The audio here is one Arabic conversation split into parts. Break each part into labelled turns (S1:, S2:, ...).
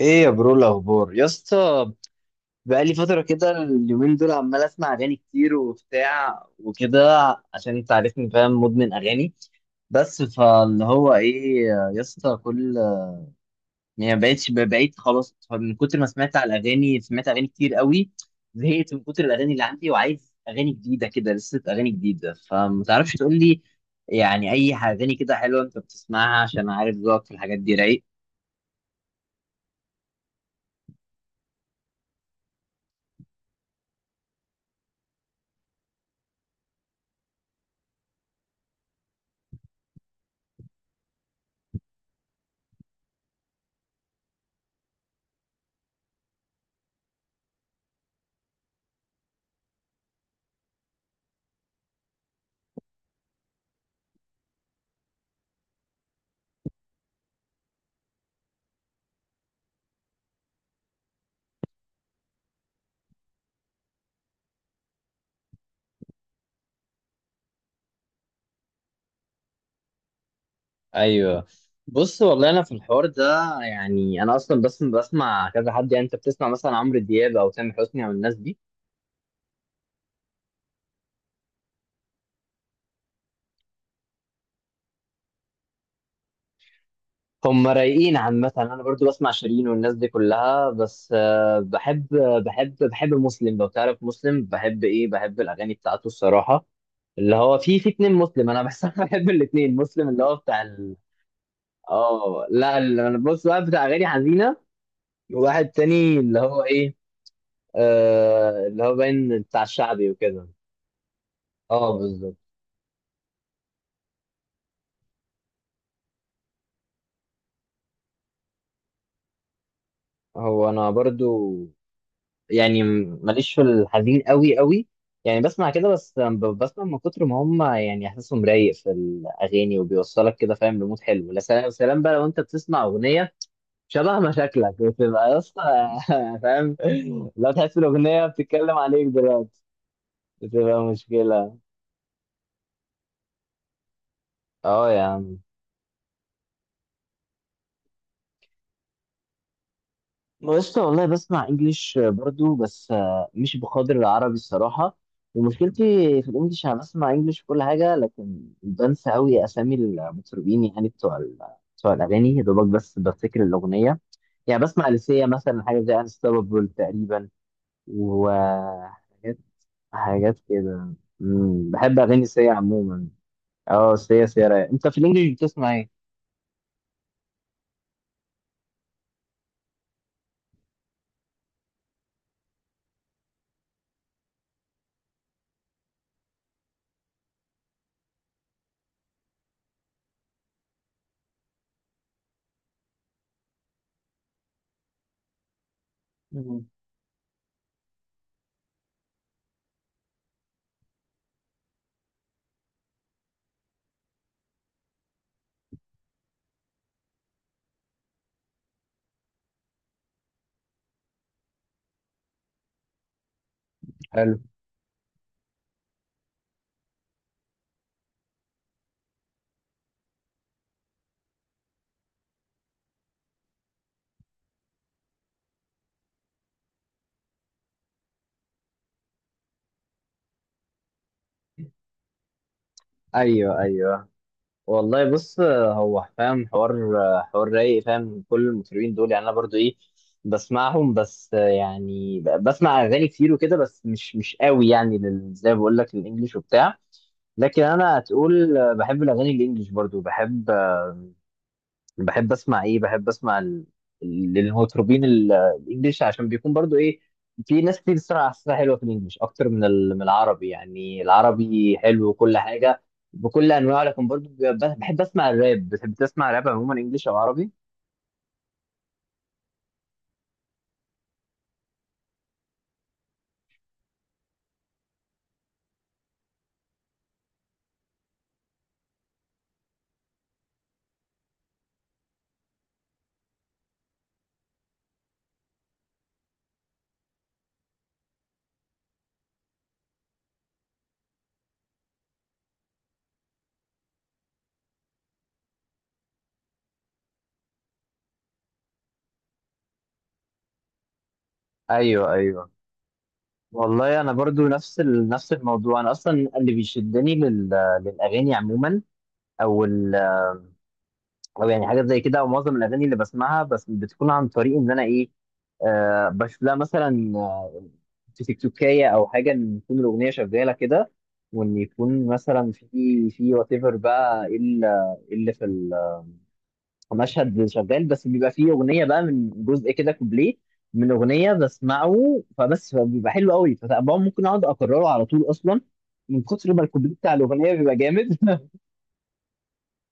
S1: ايه يا برو الاخبار يا اسطى؟ بقالي فتره كده اليومين دول عمال اسمع اغاني كتير وبتاع وكده، عشان انت عارفني فاهم، مدمن اغاني. بس فاللي هو ايه يا اسطى، كل بقيت خلاص من كتر ما سمعت على الاغاني، سمعت اغاني كتير قوي، زهقت من كتر الاغاني اللي عندي، وعايز اغاني جديده كده لسه، اغاني جديده. فما تعرفش تقول لي يعني اي اغاني كده حلوه انت بتسمعها؟ عشان عارف ذوقك في الحاجات دي رايق. ايوه. بص والله انا في الحوار ده، يعني انا اصلا بس بسمع كذا حد. يعني انت بتسمع مثلا عمرو دياب او تامر حسني او الناس دي، هم رايقين عامه. انا برضو بسمع شيرين والناس دي كلها، بس بحب بحب مسلم. لو تعرف مسلم، بحب ايه، بحب الاغاني بتاعته الصراحه. اللي هو في اتنين مسلم انا بس، أنا بحب الاتنين مسلم. اللي هو بتاع اه لا، انا بص بقى بتاع اغاني حزينه، وواحد تاني اللي هو ايه، آه اللي هو باين بتاع الشعبي وكده. اه بالظبط. هو انا برضو يعني ماليش في الحزين قوي قوي، يعني بسمع كده بس، بسمع من كتر ما هم يعني احساسهم رايق في الاغاني وبيوصلك كده، فاهم؟ لمود حلو. لا سلام سلام بقى، لو انت بتسمع اغنيه شبه مشاكلك، بتبقى يا اسطى، فاهم؟ لو تحس الاغنيه بتتكلم عليك دلوقتي، بتبقى مشكله. اه يا عم. بص، والله بسمع انجليش برضو، بس مش بقدر العربي الصراحة. ومشكلتي في الانجليش، انا بسمع انجليش في كل حاجة، لكن بنسى قوي اسامي المطربين، يعني بتوع الاغاني. يا دوبك بس بفتكر الاغنية. يعني بسمع لسيا مثلا، حاجة زي انستوبابل تقريبا، وحاجات حاجات كده. مم، بحب اغاني سيا عموما. اه سيا، سيا رايقة. انت في الانجليش بتسمع ايه؟ مم. حلو. ايوه ايوه. والله بص، هو فاهم حوار، حوار رايق. فاهم كل المطربين دول، يعني انا برضو ايه، بسمعهم، بس يعني بسمع اغاني كتير وكده، بس مش قوي يعني، زي ما بقول لك، الانجليش وبتاع. لكن انا هتقول بحب الاغاني الانجليش برضو، بحب بحب اسمع ايه، بحب اسمع للمطربين الانجليش، عشان بيكون برضو ايه، في ناس كتير بتسمع اسمها حلوه في الانجليش اكتر من من العربي. يعني العربي حلو وكل حاجه بكل انواعه، لكن برضو بحب اسمع الراب. بتحب تسمع راب عموما، انجليش او عربي؟ ايوه ايوه. والله انا برضو نفس نفس الموضوع. انا اصلا اللي بيشدني للاغاني عموما، او ال... او يعني حاجات زي كده، ومعظم الاغاني اللي بسمعها بس بتكون عن طريق ان انا ايه، بشوف لها مثلا، في تيك توكية او حاجه، ان تكون الاغنيه شغاله كده، وان يكون مثلا في وات ايفر بقى، إيه اللي إيه اللي في المشهد شغال، بس بيبقى فيه اغنيه بقى من جزء كده، كوبليه من اغنيه بسمعه، فبس بيبقى حلو قوي، فطبعا ممكن اقعد اكرره على طول اصلا من كتر ما الكوبليه بتاع الاغنيه بيبقى جامد.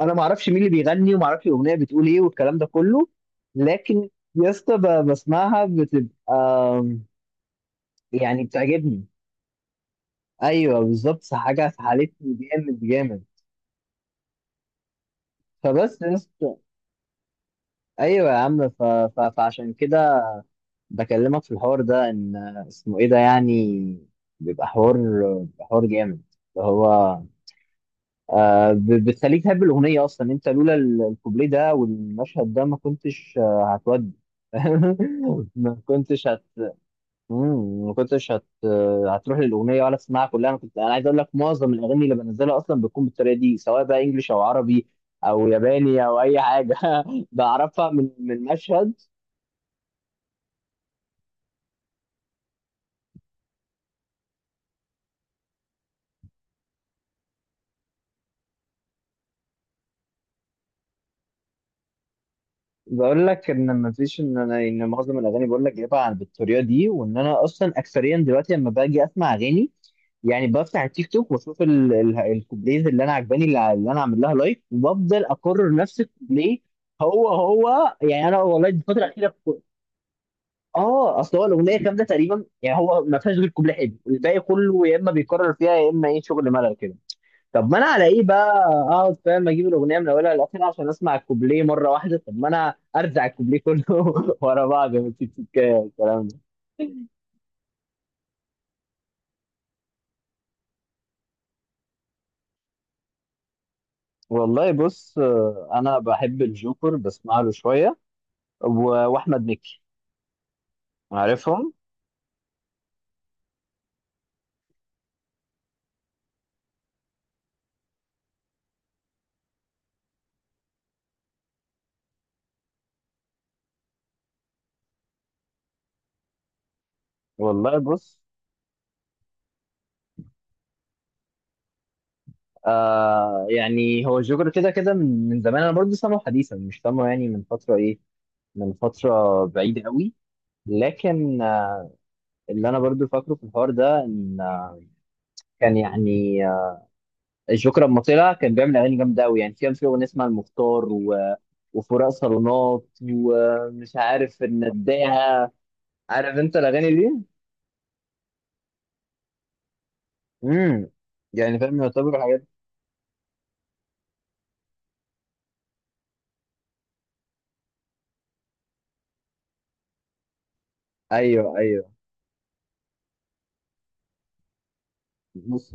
S1: انا ما اعرفش مين اللي بيغني، وما اعرفش الاغنيه بتقول ايه والكلام ده كله، لكن يا اسطى، بسمعها بتبقى يعني بتعجبني. ايوه بالظبط، حاجه سحلتني جامد جامد. فبس يا اسطى، ايوه يا عم، ف... ف... فعشان كده بكلمك في الحوار ده. ان اسمه ايه ده يعني، بيبقى حوار، بيبقى حوار جامد، اللي هو آه، بتخليك تحب الاغنيه اصلا. انت لولا الكوبليه ده والمشهد ده، ما كنتش هتودي، ما كنتش، ما كنتش هتروح للاغنيه ولا تسمعها كلها. انا كنت، انا عايز اقول لك معظم الاغاني اللي بنزلها اصلا بتكون بالطريقه دي، سواء بقى انجليش او عربي او ياباني او اي حاجه. بعرفها من مشهد. بقول لك ان ما فيش، ان انا ان معظم الاغاني بقول لك جايبها بالطريقه دي، وان انا اصلا اكثريا دلوقتي لما باجي اسمع اغاني، يعني بفتح التيك توك واشوف الكوبليز اللي انا عجباني، اللي انا عامل لها لايك، وبفضل اكرر نفس الكوبليه. هو يعني انا والله الفتره الاخيره. اه اصل هو الاغنيه كامله تقريبا، يعني هو ما فيهاش غير كوبليه حلو، الباقي كله يا اما بيكرر فيها، يا اما ايه، شغل ملل كده. طب ما انا على ايه بقى اقعد فاهم اجيب الاغنيه من اولها لاخرها عشان اسمع الكوبليه مره واحده؟ طب ما انا ارزع الكوبليه كله ورا بعض من تيك تيك، الكلام ده. والله بص، انا بحب الجوكر، بسمع له شويه، واحمد مكي. عارفهم. والله بص، آه يعني هو الجوكر كده كده من زمان، انا برضه سامعه حديثا، مش سامعه يعني من فتره ايه، من فتره بعيده قوي. لكن آه، اللي انا برضو فاكره في الحوار ده، ان آه، كان يعني آه، الجوكر لما طلع كان بيعمل اغاني جامده قوي. يعني في، كان في اغنيه اسمها المختار وفراق صالونات، ومش عارف النداهه. عارف انت الاغاني دي؟ امم. يعني فاهم، يعتبر الحاجات. ايوه ايوه. نص.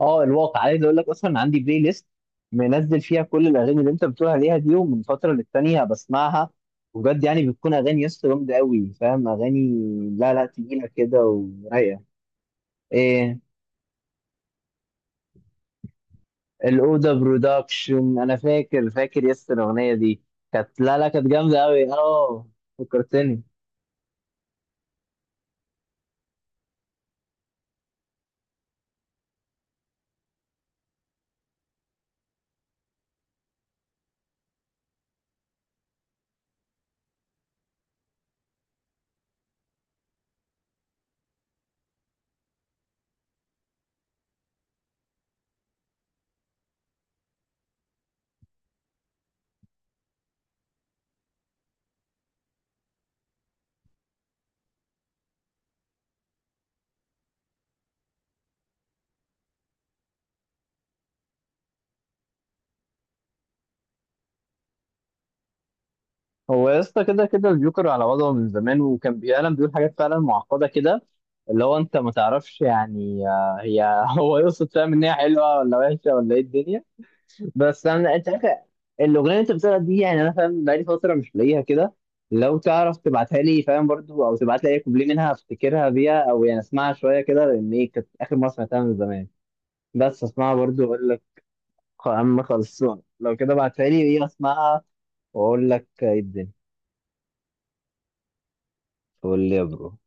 S1: اه، الواقع عايز اقول لك اصلا عندي بلاي ليست منزل فيها كل الاغاني اللي انت بتقول عليها دي، ومن فتره للتانيه بسمعها، وبجد يعني بتكون اغاني يا اسطى جامده قوي. فاهم اغاني؟ لا لا، تقيله كده ورايقه. ايه؟ الاوضه برودكشن، انا فاكر فاكر يا اسطى الاغنيه دي، كانت لا لا كانت جامده قوي. اه، فكرتني. هو يا اسطى، كده كده الجوكر على وضعه من زمان، وكان بيعلم بيقول حاجات فعلا معقدة كده، اللي هو انت ما تعرفش يعني آه، هي هو يقصد، فاهم، ان هي حلوة ولا وحشة ولا ايه الدنيا. بس انا، انت عارف الاغنية اللي انت بتقولها دي، يعني انا فاهم بقالي فترة مش لاقيها كده. لو تعرف تبعتها لي فاهم، برضو او تبعت لي اي كوبليه منها افتكرها بيها، او يعني اسمعها شوية كده، لان ايه، كانت اخر مرة سمعتها من زمان. بس اسمعها برضو واقول لك اما خلصان. لو كده بعتها لي، ايه، اسمعها واقول لك ايه الدنيا. قول لي يا برو.